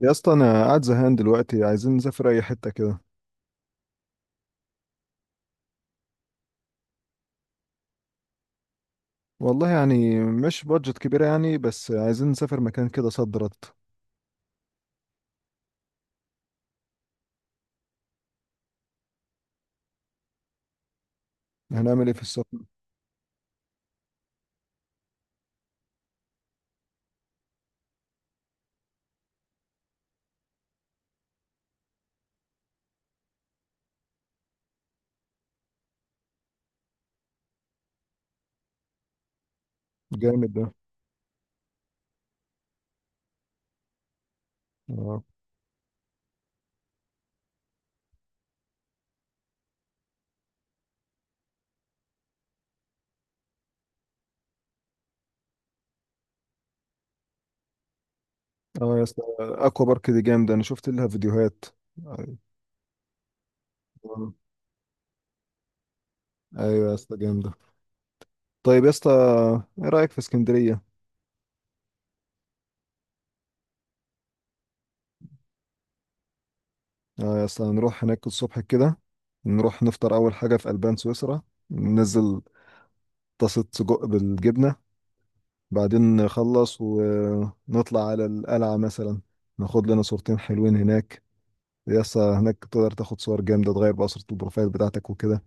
يا اسطى انا قاعد زهقان دلوقتي، عايزين نسافر اي حته كده. والله يعني مش بادجت كبيره يعني، بس عايزين نسافر مكان كده صد رد. هنعمل ايه في السفر؟ جامد ده. اه. اه يا اسطى اكوا بارك دي جامده، انا شفت لها فيديوهات. ايوه. أيوة يا اسطى جامده. طيب يا اسطى، ايه رايك في اسكندريه؟ اه يا اسطى، نروح هناك الصبح كده. نروح نفطر اول حاجه في البان سويسرا، ننزل طاسه سجق بالجبنه. بعدين نخلص ونطلع على القلعة مثلا، ناخد لنا صورتين حلوين هناك. يا اسطى هناك تقدر تاخد صور جامدة، تغير بقى صورة البروفايل بتاعتك وكده.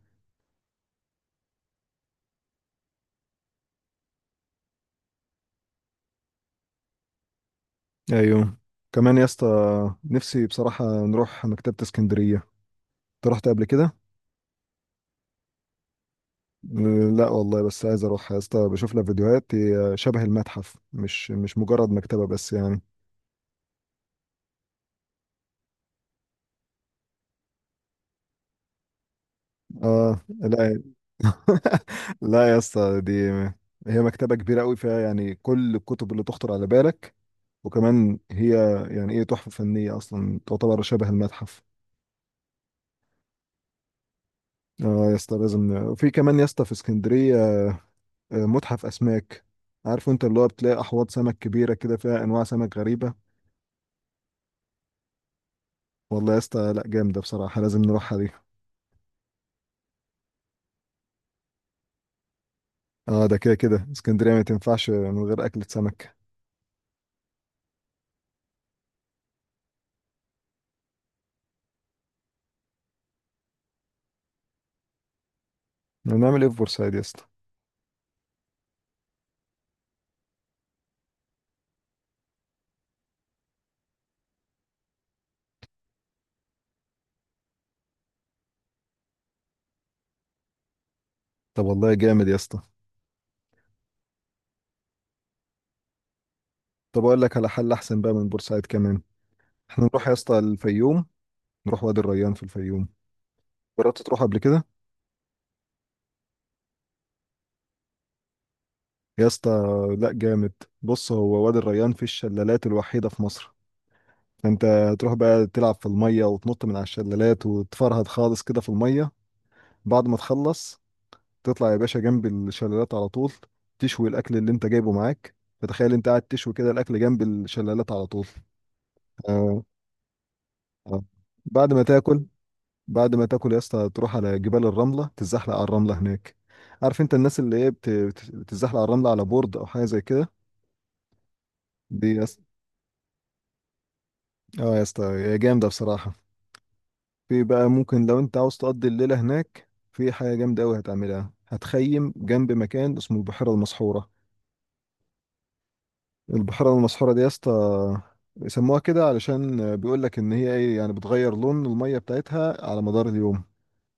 ايوه. كمان يا اسطى، نفسي بصراحة نروح مكتبة اسكندرية. انت رحت قبل كده؟ لا والله، بس عايز اروح يا اسطى. بشوف لها فيديوهات، هي شبه المتحف، مش مجرد مكتبة بس يعني. اه لا. لا يا اسطى، دي هي مكتبة كبيرة قوي، فيها يعني كل الكتب اللي تخطر على بالك. وكمان هي يعني ايه، تحفة فنية، اصلا تعتبر شبه المتحف. اه يا اسطى، لازم في كمان يا اسطى في اسكندرية متحف اسماك. عارف انت، اللي هو بتلاقي احواض سمك كبيرة كده، فيها انواع سمك غريبة. والله يا اسطى، لا جامدة بصراحة، لازم نروحها دي. اه، ده كده كده اسكندرية ما تنفعش من غير اكلة سمك. هنعمل ايه في بورسعيد يا اسطى؟ طب والله جامد يا اسطى. طب اقول لك على حل احسن بقى من بورسعيد كمان، احنا نروح يا اسطى الفيوم. نروح وادي الريان في الفيوم. جربت تروح قبل كده؟ يا اسطى لا، جامد. بص، هو وادي الريان في الشلالات الوحيدة في مصر. انت تروح بقى تلعب في المية، وتنط من على الشلالات، وتفرهد خالص كده في المية. بعد ما تخلص تطلع يا باشا جنب الشلالات على طول، تشوي الأكل اللي انت جايبه معاك. فتخيل انت قاعد تشوي كده الأكل جنب الشلالات على طول. آه. آه. بعد ما تاكل، بعد ما تاكل يا اسطى تروح على جبال الرملة، تتزحلق على الرملة هناك. عارف انت الناس اللي هي بتتزحلق على الرملة على بورد أو حاجة زي كده. دي اه يا اسطى هي جامدة بصراحة. في بقى ممكن لو انت عاوز تقضي الليلة هناك، في حاجة جامدة أوي هتعملها، هتخيم جنب مكان اسمه البحيرة المسحورة. البحيرة المسحورة دي يا اسطى، بيسموها كده علشان بيقول لك ان هي ايه يعني، بتغير لون المية بتاعتها على مدار اليوم.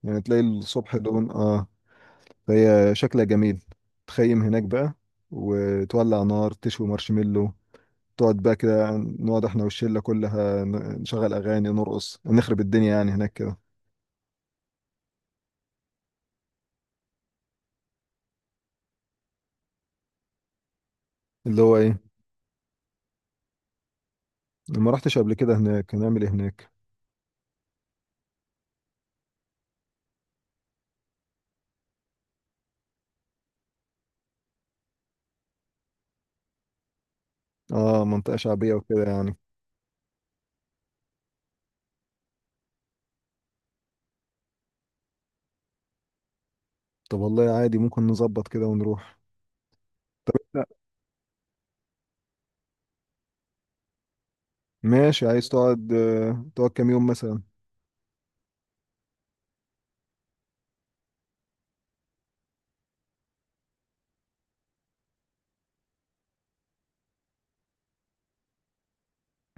يعني تلاقي الصبح لون اه، فهي شكلها جميل. تخيم هناك بقى، وتولع نار، تشوي مارشميلو. تقعد بقى كده، نقعد احنا والشلة كلها نشغل اغاني، نرقص، نخرب الدنيا يعني هناك كده. اللي هو ايه؟ ما رحتش قبل كده هناك، هنعمل ايه هناك؟ اه منطقة شعبية وكده يعني. طب والله عادي، ممكن نظبط كده ونروح. لا، ماشي. عايز تقعد تقعد كام يوم مثلا؟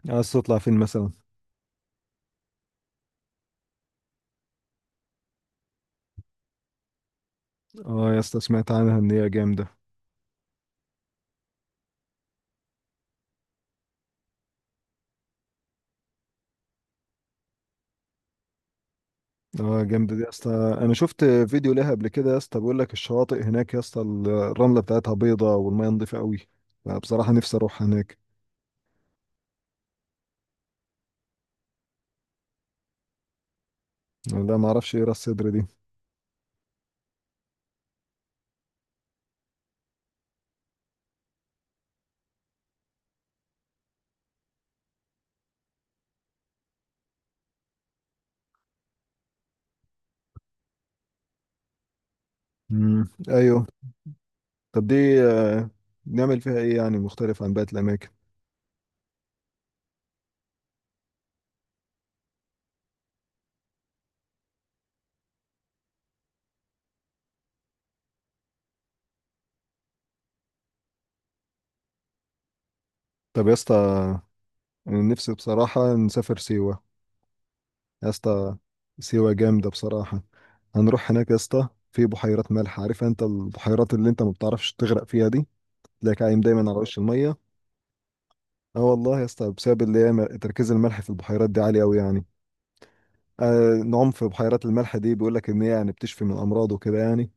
عايز تطلع فين مثلا؟ اه يا اسطى، سمعت عنها ان هي جامدة. اه جامدة دي يا اسطى، انا شفت فيديو ليها قبل كده يا اسطى. بيقول لك الشواطئ هناك يا اسطى الرملة بتاعتها بيضة، والمية نضيفة قوي. فبصراحة نفسي اروح هناك. لا ما اعرفش ايه راس صدر دي. امم، ايوه. طب دي نعمل فيها ايه يعني مختلف عن باقي الاماكن؟ طب يا اسطى، انا نفسي بصراحة نسافر سيوة. يا اسطى سيوة جامدة بصراحة. هنروح هناك يا اسطى، في بحيرات ملح. عارف انت البحيرات اللي انت ما بتعرفش تغرق فيها دي، تلاقيك عايم دايما على وش المية. اه والله يا اسطى، بسبب اللي هي تركيز الملح في البحيرات دي عالي قوي يعني. آه، نعوم في بحيرات الملح دي، بيقول لك ان هي يعني بتشفي من الامراض وكده يعني.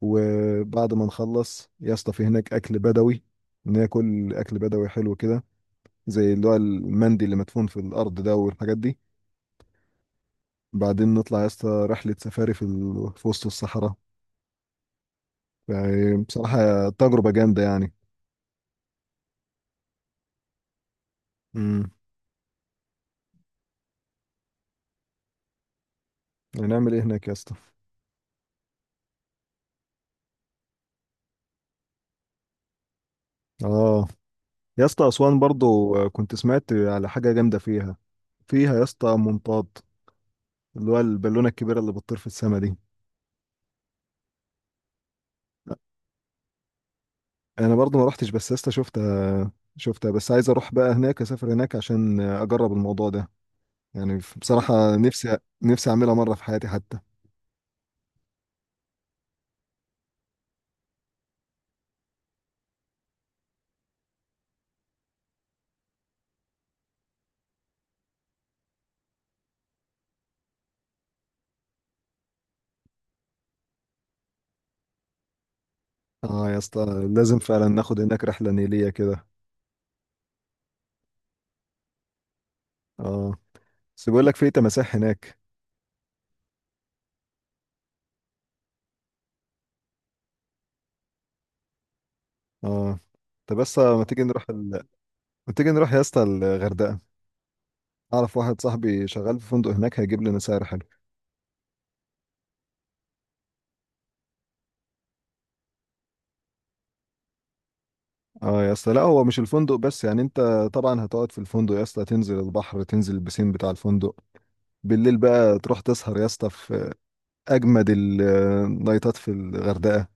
وبعد ما نخلص يا اسطى في هناك اكل بدوي، ناكل اكل بدوي حلو كده، زي اللي هو المندي اللي مدفون في الارض ده والحاجات دي. بعدين نطلع يا اسطى رحلة سفاري في, في وسط الصحراء. يعني بصراحة تجربة جامدة يعني. امم. هنعمل ايه هناك يا اسطى؟ اه يا اسطى أسوان برضو كنت سمعت على حاجة جامدة فيها. فيها يا اسطى منطاد، اللي هو البالونة الكبيرة اللي بتطير في السما دي. انا برضو ما رحتش، بس يا اسطى شفتها. شفتها، بس عايز اروح بقى هناك، اسافر هناك عشان اجرب الموضوع ده. يعني بصراحة نفسي، نفسي اعملها مرة في حياتي حتى. اه يا اسطى، لازم فعلا ناخد هناك رحلة نيلية كده. اه. بس بيقول لك في تماسيح هناك. اه. طب بس ما تيجي نروح ما تيجي نروح يا اسطى الغردقه؟ اعرف واحد صاحبي شغال في فندق هناك، هيجيب لنا سعر حلو. اه يا اسطى، لا هو مش الفندق بس يعني. انت طبعا هتقعد في الفندق يا اسطى، تنزل البحر، تنزل البسين بتاع الفندق. بالليل بقى تروح تسهر يا اسطى في اجمد النايتات في الغردقه.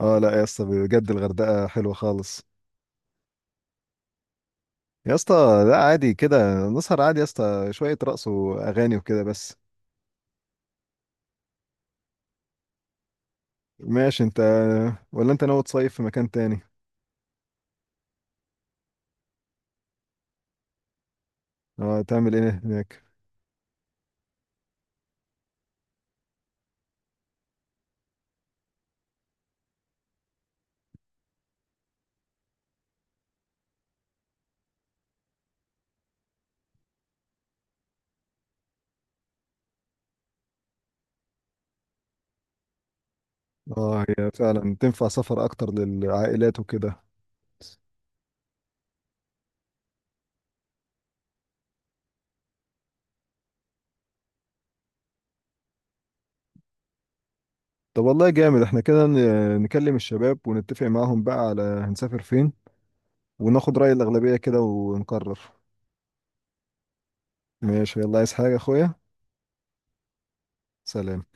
اه لا يا اسطى، بجد الغردقه حلوه خالص. يا اسطى لا، عادي كده نسهر عادي يا اسطى، شويه رقص واغاني وكده بس. ماشي. انت ولا انت ناوي تصيف في مكان تاني؟ اه تعمل ايه هناك؟ اه هي فعلا تنفع سفر اكتر للعائلات وكده. طب والله جامد، احنا كده نكلم الشباب ونتفق معاهم بقى على هنسافر فين، وناخد رأي الأغلبية كده ونقرر. ماشي. يلا عايز حاجة يا اخويا؟ سلام.